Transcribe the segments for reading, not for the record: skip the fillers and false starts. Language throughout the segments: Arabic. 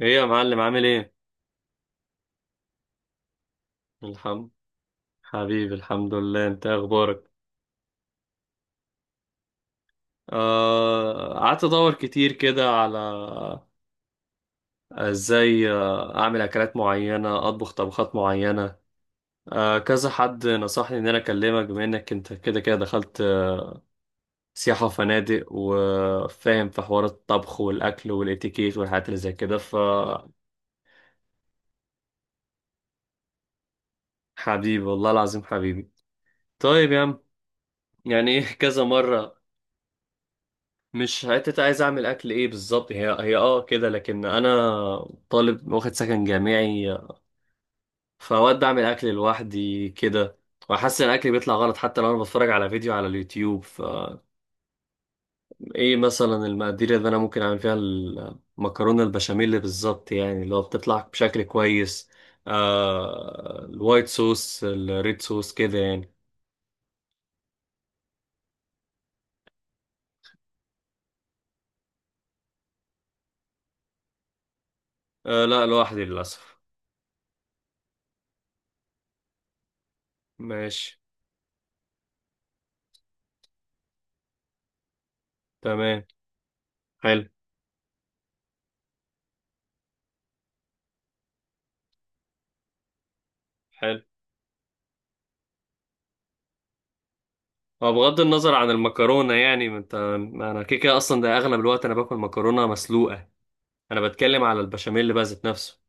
ايه يا معلم، عامل ايه؟ الحمد حبيبي، الحمد لله، انت إيه اخبارك؟ قعدت ادور كتير كده على ازاي، اعمل اكلات معينه، اطبخ طبخات معينه. كذا حد نصحني ان انا اكلمك، بما انك انت كده كده دخلت سياحه وفنادق، وفاهم في حوار الطبخ والاكل والاتيكيت والحاجات اللي زي كده. فحبيبي، والله العظيم حبيبي. طيب يا عم، يعني ايه كذا مرة. مش حتة عايز أعمل أكل إيه بالظبط، هي كده، لكن أنا طالب واخد سكن جامعي. فأوقات بعمل أكل لوحدي كده، وأحس إن أكلي بيطلع غلط حتى لو أنا بتفرج على فيديو على اليوتيوب، فا... إيه مثلا المقادير اللي أنا ممكن أعمل فيها المكرونة البشاميل بالظبط، يعني اللي هو بتطلع بشكل كويس؟ الوايت صوص، الريد صوص كده يعني. لا، لوحدي للأسف. ماشي. تمام. حلو، حلو. هو بغض النظر عن المكرونة، يعني ما انا كده كده اصلا، ده اغلب الوقت انا باكل مكرونة مسلوقة. انا بتكلم على البشاميل بقى ذات نفسه.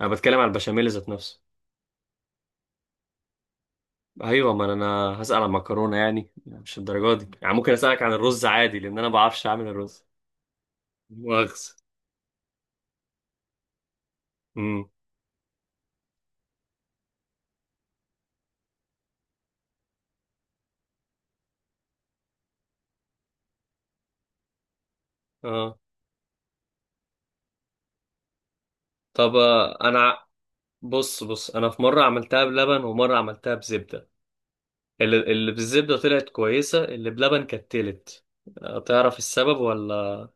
انا بتكلم على البشاميل ذات نفسه. ايوه، ما انا هسأل عن المكرونة، يعني مش الدرجة دي، يعني ممكن اسألك عن الرز عادي، لان انا ما بعرفش اعمل الرز. مؤاخذة. امم. اه. طب، بص بص، انا في مرة عملتها بلبن ومرة عملتها بزبدة. اللي بالزبدة طلعت كويسة، اللي بلبن كانت تلت. تعرف السبب ولا؟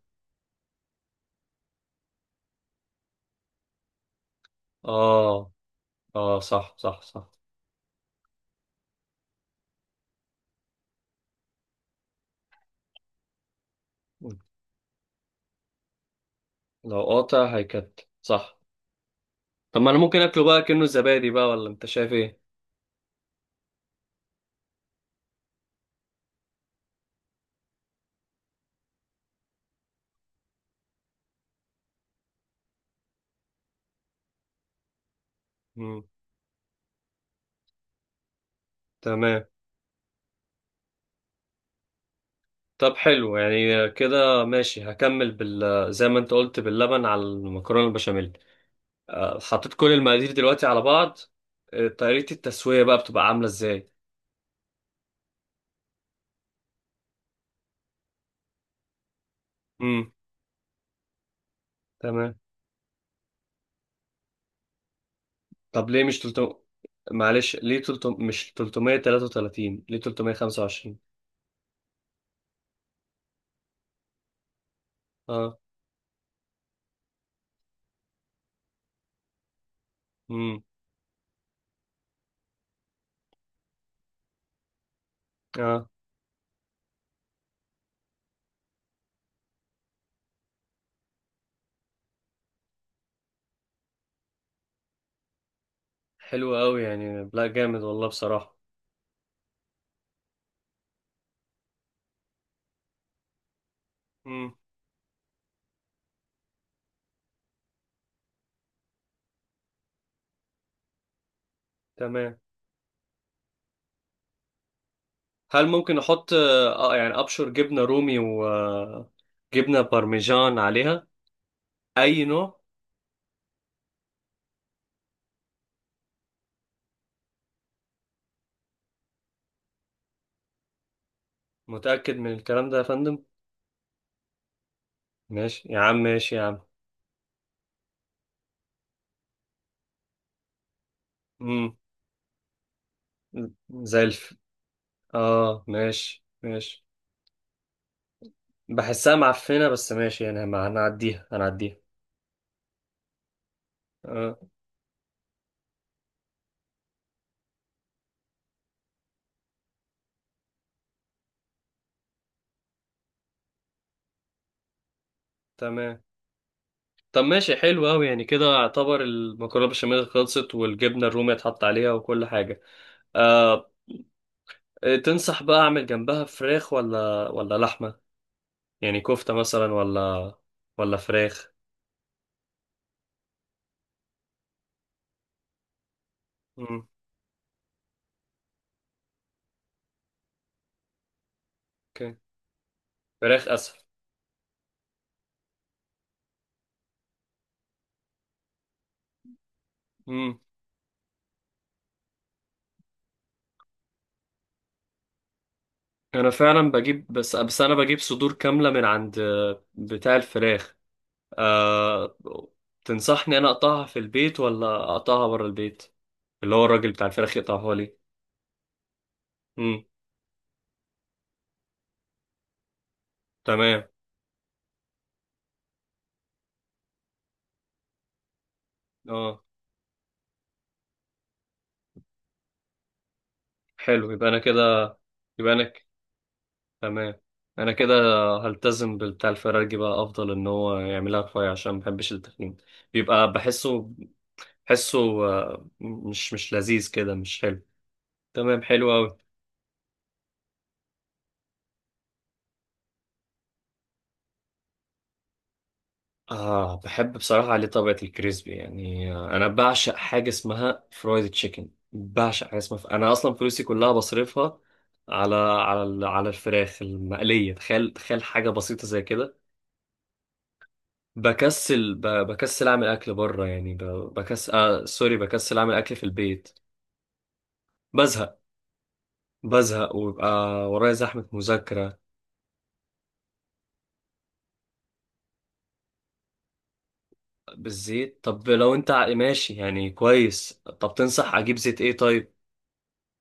اه، اه. صح، صح، صح. لو قاطع هيكت، صح. طب ما انا ممكن اكله بقى كأنه زبادي بقى، ولا انت شايف ايه؟ مم. تمام. طب حلو يعني كده ماشي، هكمل بال... زي ما انت قلت، باللبن على المكرونه البشاميل. حطيت كل المقادير دلوقتي على بعض. طريقه التسويه بقى بتبقى عامله ازاي؟ امم. تمام. طب ليه مش 300؟ معلش، ليه 300 مش 333؟ ليه 325؟ اه. امم. اه. حلو قوي يعني، لا جامد والله بصراحه. امم. تمام. هل ممكن احط يعني ابشر جبنه رومي وجبنه بارميجان عليها؟ اي نوع؟ متاكد من الكلام ده يا فندم؟ ماشي يا عم، ماشي يا عم. امم. زي الف... اه، ماشي، ماشي. بحسها معفنه، بس ماشي يعني ما هنعديها هنعديها. اه. تمام. طب ماشي، حلو قوي يعني، كده اعتبر المكرونه بشاميل خلصت والجبنه الرومي اتحط عليها وكل حاجه. آه. تنصح بقى اعمل جنبها فراخ ولا لحمه؟ يعني كفتة مثلا ولا... ولا فراخ؟ امم. اوكي، فراخ اسهل. امم. انا فعلا بجيب، بس انا بجيب صدور كاملة من عند بتاع الفراخ. أه... تنصحني انا اقطعها في البيت ولا اقطعها بره البيت؟ اللي هو الراجل بتاع الفراخ يقطعها لي. امم. تمام. اه. حلو، يبقى انا كده، يبقى انا ك- تمام، انا كده هلتزم بالبتاع الفراخ بقى، افضل ان هو يعملها رفيع عشان ما بحبش التخين. بيبقى بحسه، مش لذيذ كده، مش حلو. تمام، حلو أوي. بحب بصراحة عليه طبقة الكريسبي يعني، أنا بعشق حاجة اسمها فرايد تشيكن، بعشق حاجة اسمها أنا أصلا فلوسي كلها بصرفها على الفراخ المقلية. تخيل، تخيل حاجة بسيطة زي كده. بكسل أعمل أكل بره يعني ب-... سوري، بكسل أعمل أكل في البيت. بزهق بزهق ويبقى ورايا زحمة مذاكرة. بالزيت، طب لو ماشي يعني كويس، طب تنصح اجيب زيت ايه طيب؟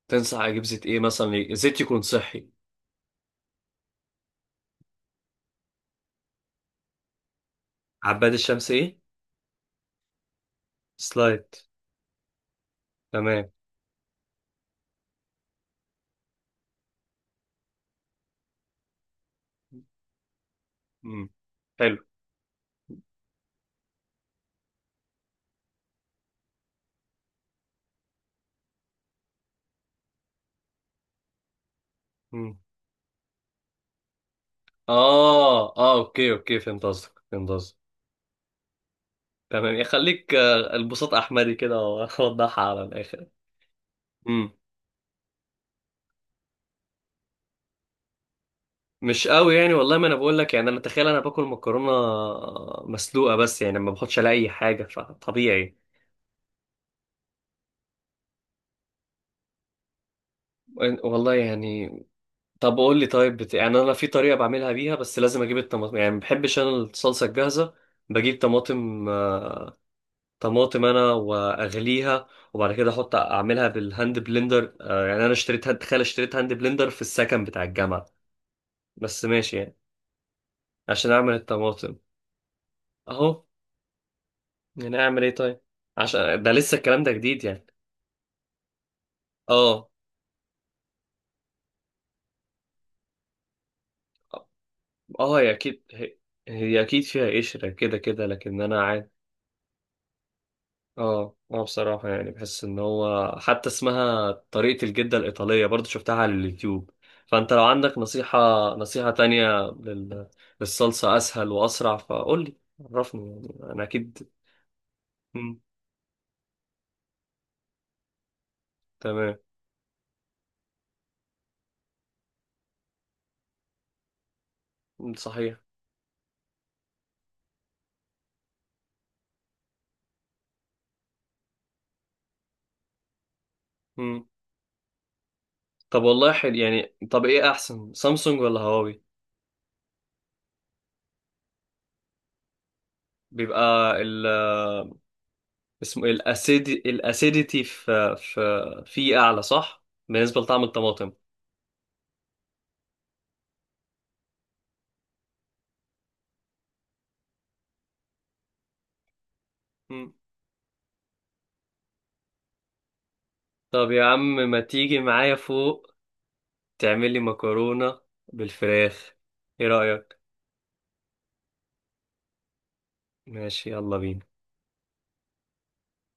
تنصح اجيب زيت ايه، مثلا زيت يكون صحي؟ عباد الشمس ايه؟ سلايد؟ تمام. مم. حلو. مم. اه، اه، اوكي، اوكي، فهمت قصدك، فهمت قصدك. تمام يخليك، البساط احمدي كده، واوضحها على الاخر. مم. مش قوي يعني، والله ما انا بقول لك يعني، انا تخيل انا باكل مكرونه مسلوقه، بس يعني ما باخدش عليها اي حاجه فطبيعي. والله يعني. طب قول لي طيب، يعني انا في طريقه بعملها بيها، بس لازم اجيب الطماطم يعني، ما بحبش انا الصلصه الجاهزه. بجيب طماطم، انا واغليها وبعد كده احط اعملها بالهاند بلندر، يعني انا اشتريت هاند، تخيل، اشتريت هاند بلندر في السكن بتاع الجامعه. بس ماشي يعني، عشان اعمل الطماطم. اهو. يعني اعمل ايه طيب؟ عشان ده لسه الكلام ده جديد يعني. اه. اه، هي اكيد فيها قشره كده كده، لكن انا عادي. اه، اه، بصراحة يعني بحس ان هو حتى اسمها طريقة الجدة الإيطالية، برضو شفتها على اليوتيوب. فانت لو عندك نصيحة، نصيحة تانية للصلصة اسهل واسرع، فقول لي. عرفني يعني، انا اكيد. مم. تمام. مم. صحيح. مم. طب والله حلو يعني، طب ايه احسن، سامسونج ولا هواوي؟ بيبقى ال... اسمه ايه، الاسيديتي في اعلى صح بالنسبة لطعم الطماطم؟ مم. طب يا عم، ما تيجي معايا فوق تعمل لي مكرونة بالفراخ، ايه رأيك؟ ماشي، يلا بينا.